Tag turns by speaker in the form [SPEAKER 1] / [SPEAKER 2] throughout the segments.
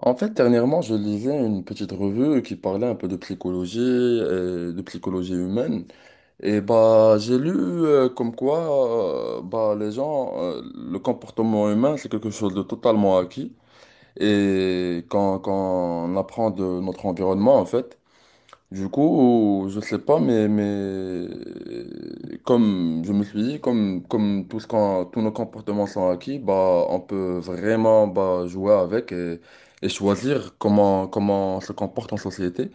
[SPEAKER 1] En fait, dernièrement, je lisais une petite revue qui parlait un peu de psychologie humaine. Et bah, j'ai lu comme quoi, bah, les gens, le comportement humain, c'est quelque chose de totalement acquis. Et quand on apprend de notre environnement, en fait. Du coup, je sais pas, mais comme je me suis dit, comme tous nos comportements sont acquis, bah, on peut vraiment bah, jouer avec et choisir comment on se comporte en société.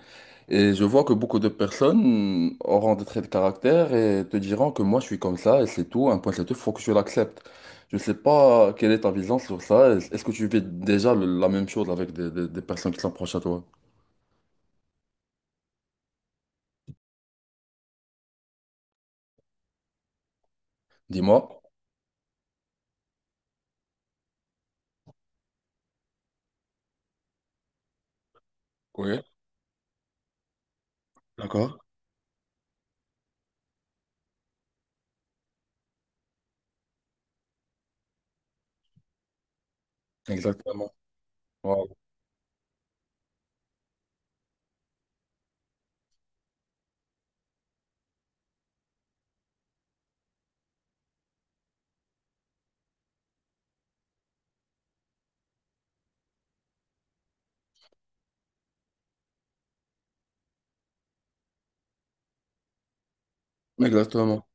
[SPEAKER 1] Et je vois que beaucoup de personnes auront des traits de caractère et te diront que moi je suis comme ça et c'est tout, un point c'est tout, faut que je l'accepte. Je sais pas quelle est ta vision sur ça. Est-ce que tu vis déjà la même chose avec des personnes qui sont proches à toi? Dis-moi. Oui, d'accord. Exactement. Voilà. Exactement.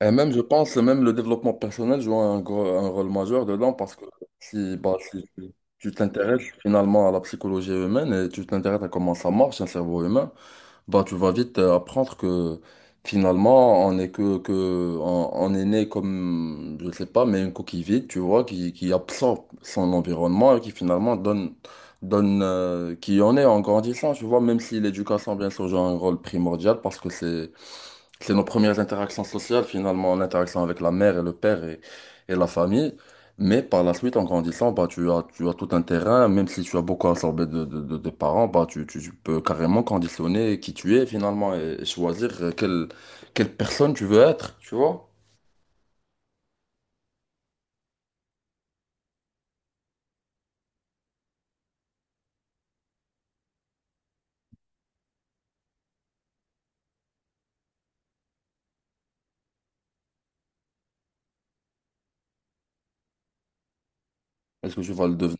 [SPEAKER 1] Et même, je pense, même le développement personnel joue un rôle majeur dedans parce que si, bah, si tu t'intéresses finalement à la psychologie humaine et tu t'intéresses à comment ça marche, un cerveau humain, bah, tu vas vite apprendre que finalement, on est on est né comme, je sais pas, mais une coquille vide, tu vois, qui absorbe son environnement et qui finalement qui en est en grandissant, tu vois, même si l'éducation, bien sûr, joue un rôle primordial parce que c'est nos premières interactions sociales, finalement, en interaction avec la mère et le père et la famille. Mais par la suite, en grandissant, bah, tu as tout un terrain, même si tu as beaucoup absorbé de parents, bah, tu peux carrément conditionner qui tu es, finalement, et choisir quelle personne tu veux être, tu vois? Est-ce que tu vas le devenir?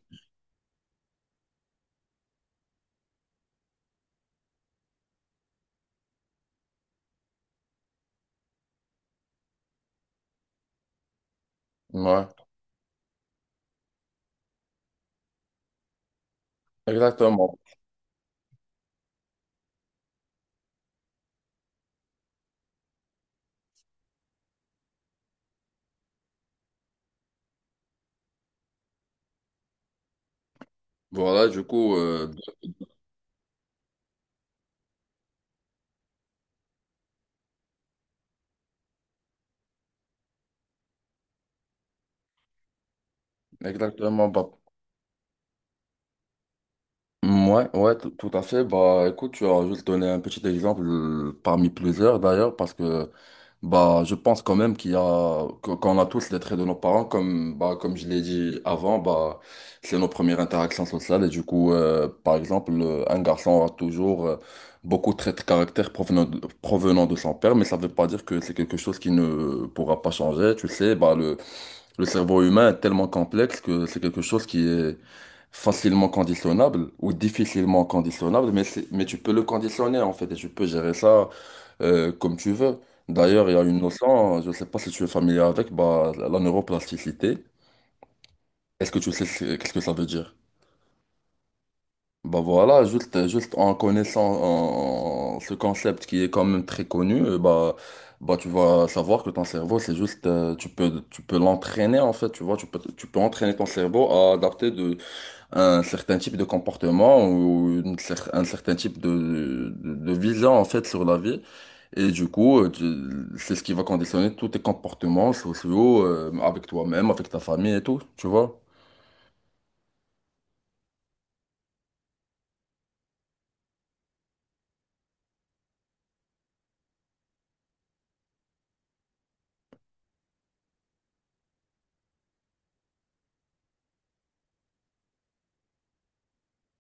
[SPEAKER 1] Ouais, exactement. Voilà, du coup, exactement, bah. Ouais, ouais, tout tout à fait. Bah, écoute, tu as juste donné un petit exemple parmi plusieurs d'ailleurs, parce que bah, je pense quand même qu'il y a qu'on a tous les traits de nos parents, comme bah, comme je l'ai dit avant, bah, c'est nos premières interactions sociales et du coup, par exemple, un garçon aura toujours beaucoup de traits de caractère provenant de son père, mais ça ne veut pas dire que c'est quelque chose qui ne pourra pas changer. Tu sais, bah, le cerveau humain est tellement complexe que c'est quelque chose qui est facilement conditionnable ou difficilement conditionnable, mais mais tu peux le conditionner en fait et tu peux gérer ça comme tu veux. D'ailleurs, il y a une notion, je ne sais pas si tu es familier avec, bah, la neuroplasticité. Est-ce que tu sais qu'est-ce que ça veut dire? Bah voilà, juste en connaissant ce concept qui est quand même très connu, bah, bah tu vas savoir que ton cerveau, c'est juste, tu peux l'entraîner en fait, tu vois, tu peux entraîner ton cerveau à un certain type de comportement ou une un certain type de vision en fait sur la vie. Et du coup, c'est ce qui va conditionner tous tes comportements sociaux, avec toi-même, avec ta famille et tout, tu vois.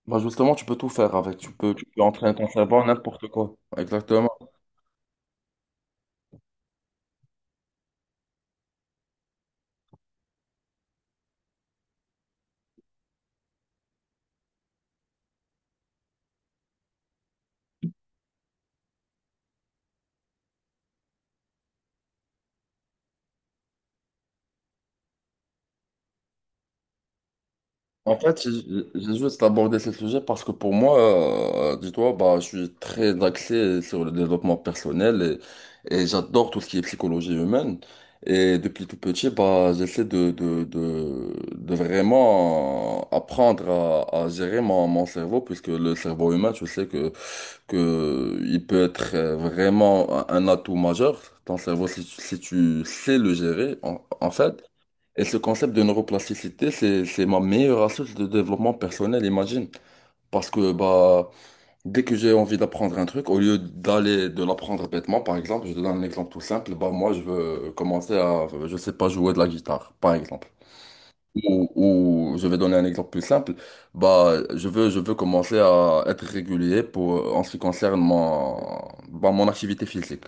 [SPEAKER 1] Bah justement, tu peux tout faire avec. Tu peux entraîner ton cerveau à n'importe quoi. Exactement. En fait, j'ai juste abordé ce sujet parce que pour moi, dis-toi, bah, je suis très axé sur le développement personnel et j'adore tout ce qui est psychologie humaine. Et depuis tout petit, bah, j'essaie de vraiment apprendre à gérer mon cerveau puisque le cerveau humain, tu sais que il peut être vraiment un atout majeur, ton cerveau, si tu sais le gérer, en fait. Et ce concept de neuroplasticité, c'est ma meilleure astuce de développement personnel, imagine. Parce que bah, dès que j'ai envie d'apprendre un truc, au lieu d'aller de l'apprendre bêtement, par exemple, je te donne un exemple tout simple, bah, moi je veux commencer à, je sais pas, jouer de la guitare, par exemple. Ou, ou je vais donner un exemple plus simple. Bah, je veux commencer à être régulier pour, en ce qui concerne bah, mon activité physique.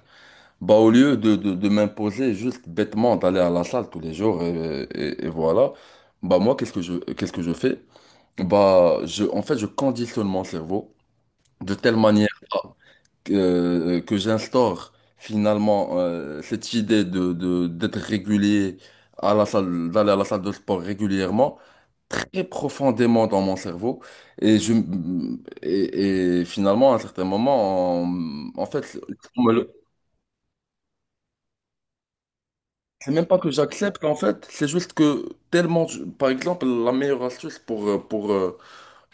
[SPEAKER 1] Bah, au lieu de m'imposer juste bêtement d'aller à la salle tous les jours et voilà, bah, moi, qu'est-ce que je fais? Bah, en fait, je conditionne mon cerveau de telle manière que j'instaure finalement cette idée d'être régulier à la salle, d'aller à la salle de sport régulièrement très profondément dans mon cerveau. Et, je, et finalement, à un certain moment, en fait, on me le- c'est même pas que j'accepte, en fait, c'est juste que tellement, par exemple, la meilleure astuce pour, euh, pour, euh,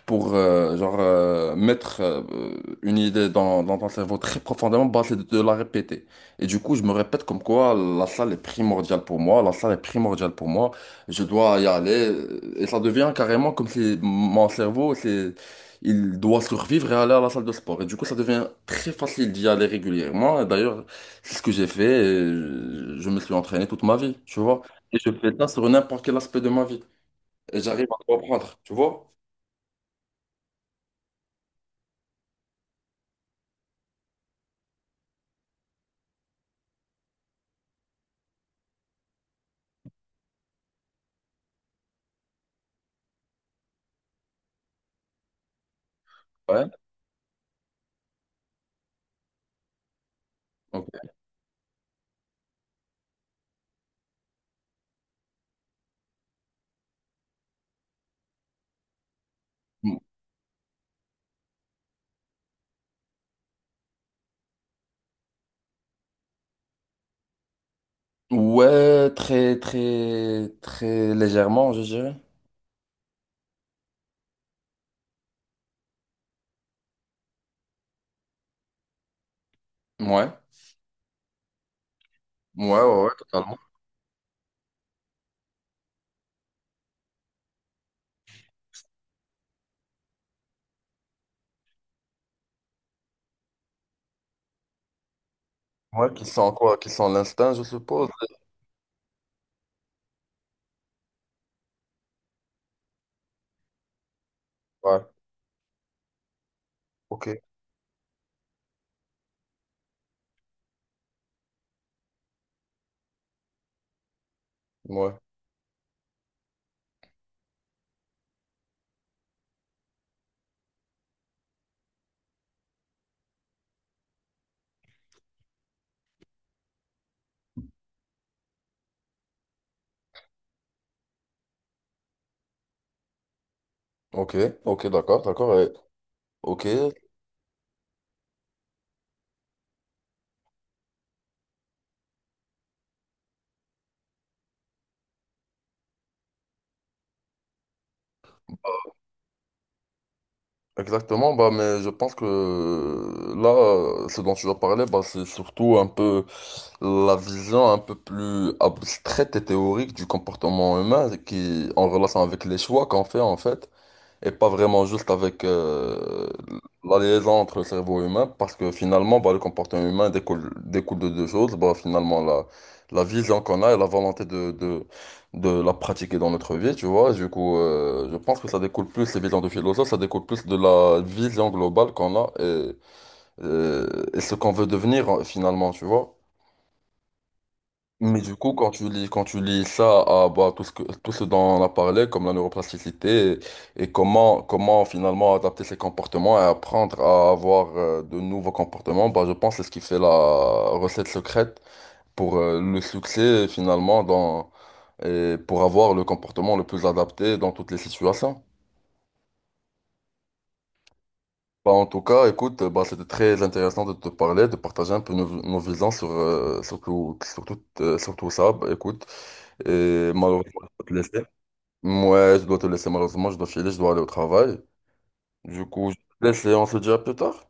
[SPEAKER 1] pour euh, genre mettre une idée dans ton cerveau très profondément, bah, c'est de te la répéter. Et du coup, je me répète comme quoi la salle est primordiale pour moi, la salle est primordiale pour moi, je dois y aller. Et ça devient carrément comme si mon cerveau, il doit survivre et aller à la salle de sport. Et du coup, ça devient très facile d'y aller régulièrement. Et d'ailleurs, c'est ce que j'ai fait et je me suis entraîné toute ma vie, tu vois. Et je fais ça sur n'importe quel aspect de ma vie. Et j'arrive à comprendre, tu vois? Ouais. Ok. Ouais, très, très, très légèrement, je dirais. Ouais, ouais, ouais, ouais, totalement. Ouais, qui sont quoi? Qui sont l'instinct, je suppose. Ouais, ok, ouais, ok, ok, d'accord, d'accord, ouais. Ok, exactement. Bah, mais je pense que là, ce dont tu vas parler, bah, c'est surtout un peu la vision un peu plus abstraite et théorique du comportement humain qui, en relation avec les choix qu'on fait, en fait. Et pas vraiment juste avec la liaison entre le cerveau humain, parce que finalement, bah, le comportement humain découle de deux choses. Bah, finalement, la vision qu'on a et la volonté de la pratiquer dans notre vie, tu vois. Du coup, je pense que ça découle plus, les visions de philosophe, ça découle plus de la vision globale qu'on a et, et ce qu'on veut devenir finalement, tu vois. Mais du coup, quand tu lis ça à bah, tout ce dont on a parlé, comme la neuroplasticité, et comment finalement adapter ses comportements et apprendre à avoir de nouveaux comportements, bah, je pense que c'est ce qui fait la recette secrète pour le succès finalement dans, et pour avoir le comportement le plus adapté dans toutes les situations. Bah, en tout cas, écoute, bah, c'était très intéressant de te parler, de partager un peu nos visions sur, sur tout ça. Bah, écoute, et malheureusement, ouais, je dois te laisser malheureusement, je dois filer, je dois aller au travail. Du coup, je te laisse et on se dit à plus tard.